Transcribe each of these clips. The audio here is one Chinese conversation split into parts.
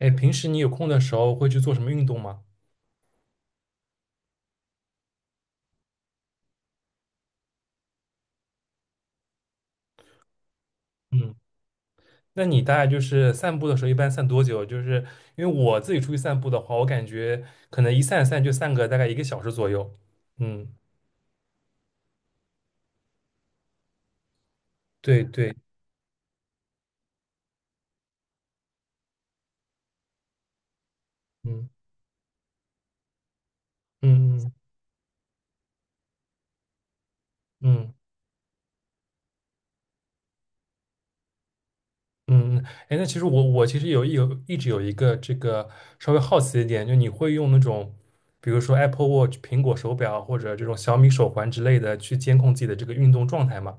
哎，平时你有空的时候会去做什么运动吗？嗯，那你大概就是散步的时候一般散多久？就是因为我自己出去散步的话，我感觉可能一散就散个大概一个小时左右。嗯，对对，嗯嗯嗯嗯嗯。哎，那其实我其实一直有一个这个稍微好奇一点，就你会用那种比如说 Apple Watch 苹果手表或者这种小米手环之类的去监控自己的这个运动状态吗？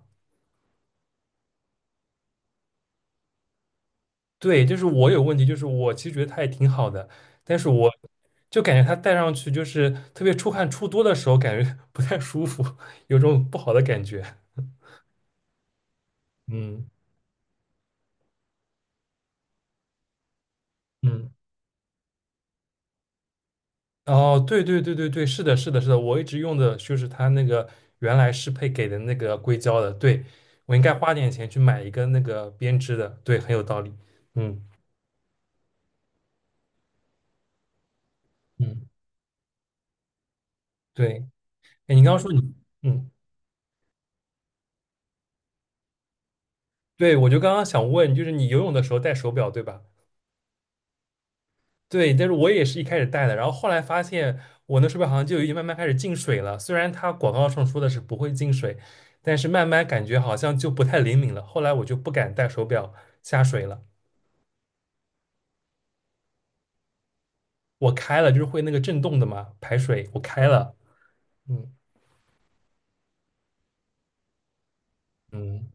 对，就是我有问题，就是我其实觉得它也挺好的，但是我就感觉它戴上去就是特别出汗出多的时候，感觉 不太舒服，有种不好的感觉。嗯嗯，哦，对对对对对，是的，是的，是的，我一直用的就是它那个原来适配给的那个硅胶的，对，我应该花点钱去买一个那个编织的，对，很有道理。嗯嗯，对，哎，你刚刚说你，嗯，对，我就刚刚想问，就是你游泳的时候戴手表对吧？对，但是我也是一开始戴的，然后后来发现我那手表好像就已经慢慢开始进水了。虽然它广告上说的是不会进水，但是慢慢感觉好像就不太灵敏了。后来我就不敢戴手表下水了。我开了，就是会那个震动的嘛，排水，我开了。嗯嗯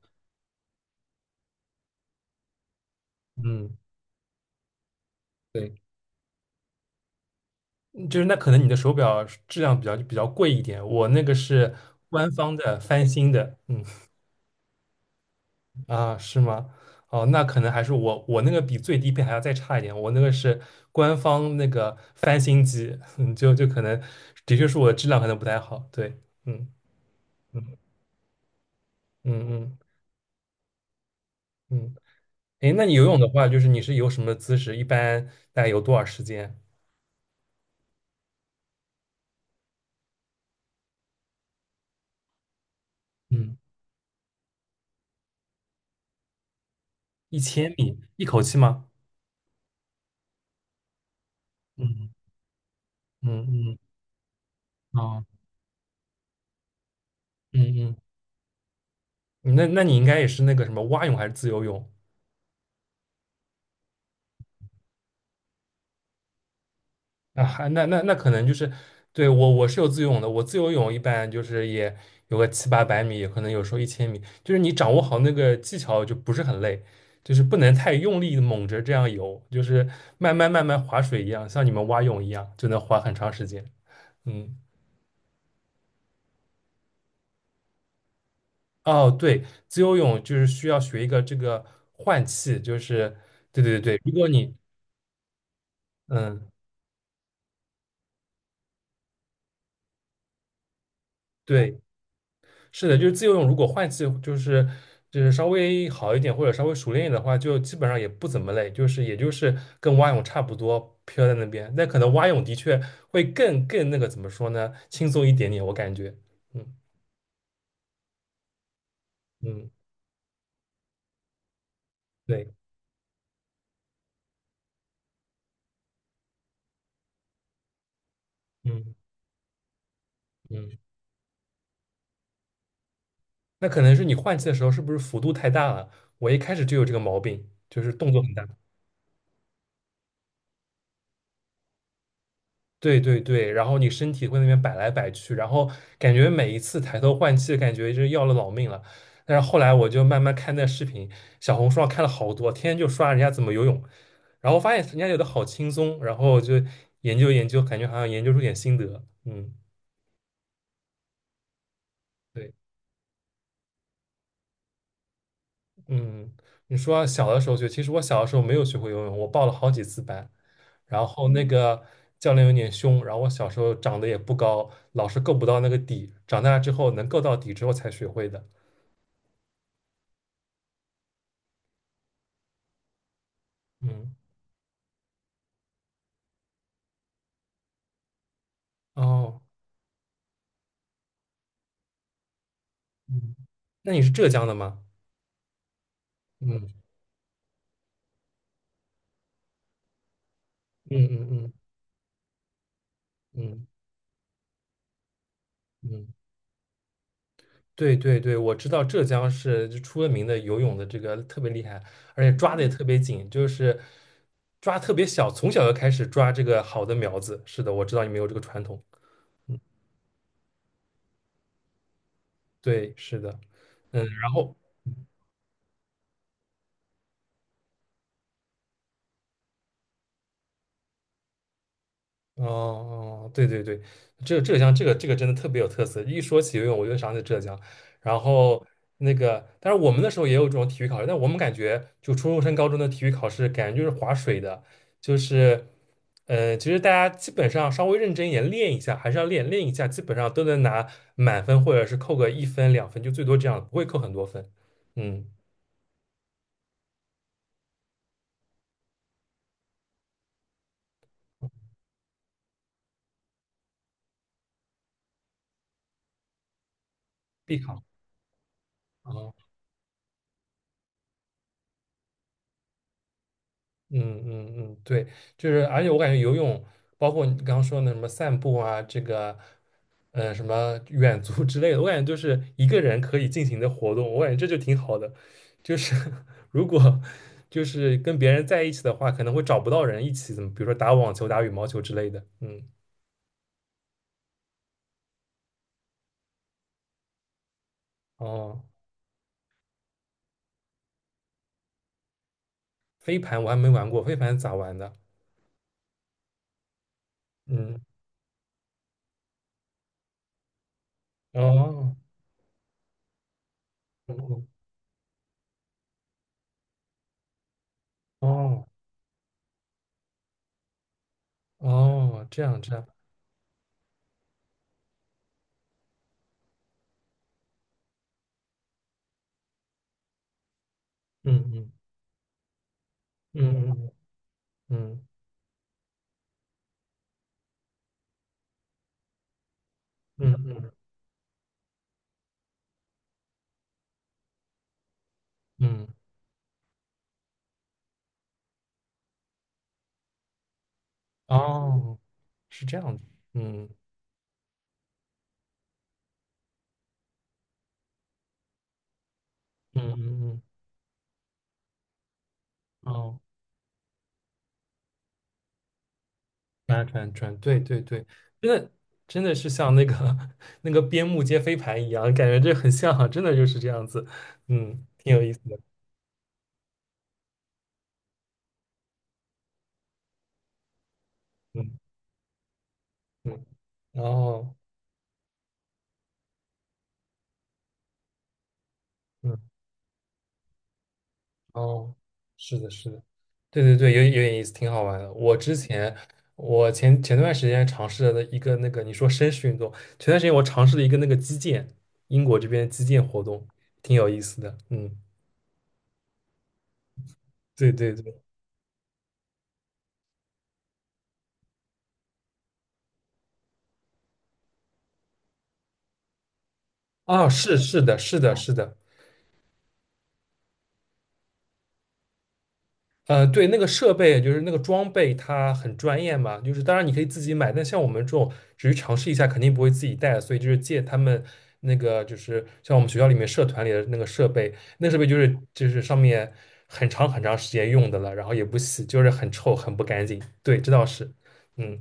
嗯，对，嗯就是那可能你的手表质量比较贵一点，我那个是官方的翻新的。嗯。啊，是吗？哦，那可能还是我那个比最低配还要再差一点，我那个是官方那个翻新机，嗯，就可能的确是我的质量可能不太好，对，嗯嗯嗯嗯嗯，哎，那你游泳的话，就是你是游什么姿势？一般大概游多少时间？嗯，一千米一口气吗？嗯嗯嗯啊嗯嗯，那你应该也是那个什么蛙泳还是自由泳？啊，还那可能就是，对，我是有自由泳的，我自由泳一般就是也有个七八百米，也可能有时候一千米，就是你掌握好那个技巧就不是很累，就是不能太用力的猛着这样游，就是慢慢慢慢划水一样，像你们蛙泳一样，就能划很长时间。嗯，哦，对，自由泳就是需要学一个这个换气，就是对对对，如果你嗯对。是的，就是自由泳，如果换气就是稍微好一点或者稍微熟练一点的话，就基本上也不怎么累，就是也就是跟蛙泳差不多飘在那边。那可能蛙泳的确会更那个怎么说呢，轻松一点点，我感觉。嗯嗯，对，嗯嗯，那可能是你换气的时候是不是幅度太大了？我一开始就有这个毛病，就是动作很大。对对对，然后你身体会那边摆来摆去，然后感觉每一次抬头换气，感觉就是要了老命了。但是后来我就慢慢看那视频，小红书上看了好多，天天就刷人家怎么游泳，然后发现人家游的好轻松，然后就研究研究，感觉好像研究出点心得。嗯，对。嗯，你说小的时候学，其实我小的时候没有学会游泳，我报了好几次班，然后那个教练有点凶，然后我小时候长得也不高，老是够不到那个底，长大之后能够到底之后才学会的。嗯，哦，嗯，那你是浙江的吗？嗯嗯嗯嗯嗯嗯。对对对，我知道浙江是就出了名的游泳的这个特别厉害，而且抓的也特别紧，就是抓特别小，从小就开始抓这个好的苗子。是的，我知道你们有这个传统。对，是的，嗯，然后。哦哦，对对对，浙江这个真的特别有特色。一说起游泳，我就想起浙江。然后那个，但是我们那时候也有这种体育考试，但我们感觉就初中升高中的体育考试，感觉就是划水的，就是，其实大家基本上稍微认真一点练一下，还是要练练一下，基本上都能拿满分或者是扣个1分2分，就最多这样，不会扣很多分。嗯，必考。哦嗯嗯嗯，对，就是而且我感觉游泳，包括你刚刚说的什么散步啊，这个，什么远足 之类的，我感觉就是一个人可以进行的活动，我感觉这就挺好的。就是 如果就是跟别人在一起的话，可能会找不到人一起，怎么比如说打网球、打羽毛球之类的。嗯，哦，飞盘我还没玩过，飞盘咋玩的？嗯，哦，哦哦哦，这样这样，嗯嗯嗯嗯嗯嗯嗯嗯。嗯哦，是这样的，嗯嗯嗯嗯，哦，转转转，对对对，真的真的是像那个 那个边牧接飞盘一样，感觉这很像啊真的就是这样子，嗯，挺有意思的，嗯嗯，哦嗯哦，是的，是的，对对对，有点意思，挺好玩的。我之前我前段时间尝试了一个那个你说绅士运动，前段时间我尝试了一个那个击剑，英国这边击剑活动，挺有意思的，嗯。对对对，啊，是的，是的，是的，对，那个设备就是那个装备，它很专业嘛，就是当然你可以自己买，但像我们这种只是尝试一下，肯定不会自己带，所以就是借他们那个，就是像我们学校里面社团里的那个设备，那设备就是上面很长很长时间用的了，然后也不洗，就是很臭，很不干净。对，这倒是，嗯。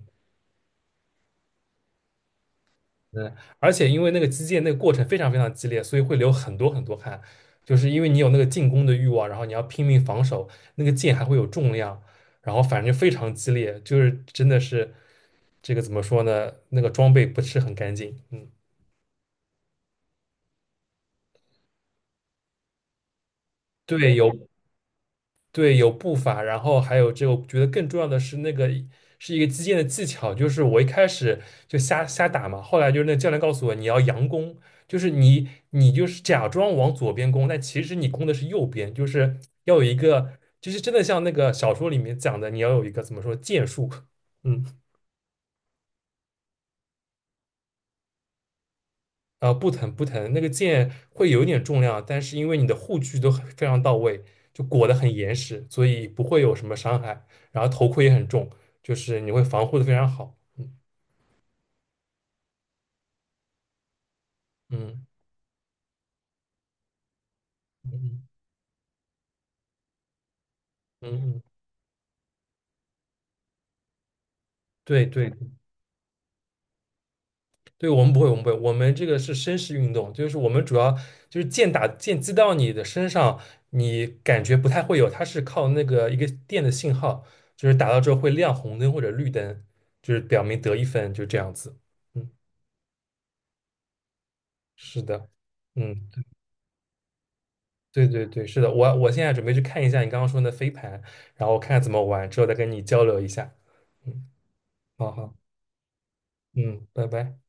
嗯，而且因为那个击剑那个过程非常非常激烈，所以会流很多很多汗，就是因为你有那个进攻的欲望，然后你要拼命防守，那个剑还会有重量，然后反正就非常激烈，就是真的是这个怎么说呢？那个装备不是很干净，嗯，对，有。对，有步伐，然后还有这个，我觉得更重要的是那个是一个击剑的技巧，就是我一开始就瞎瞎打嘛，后来就是那教练告诉我你要佯攻，就是你就是假装往左边攻，但其实你攻的是右边，就是要有一个，就是真的像那个小说里面讲的，你要有一个怎么说剑术，嗯。不疼不疼，那个剑会有一点重量，但是因为你的护具都很非常到位，就裹得很严实，所以不会有什么伤害。然后头盔也很重，就是你会防护的非常好。嗯嗯嗯嗯嗯，对对对，我们不会，我们不会，我们这个是绅士运动，就是我们主要就是剑打剑击到你的身上，你感觉不太会有，它是靠那个一个电的信号，就是打到之后会亮红灯或者绿灯，就是表明得一分，就这样子。嗯。是的，嗯，对对对，是的，我现在准备去看一下你刚刚说的飞盘，然后看看怎么玩，之后再跟你交流一下。嗯，好好，嗯，拜拜。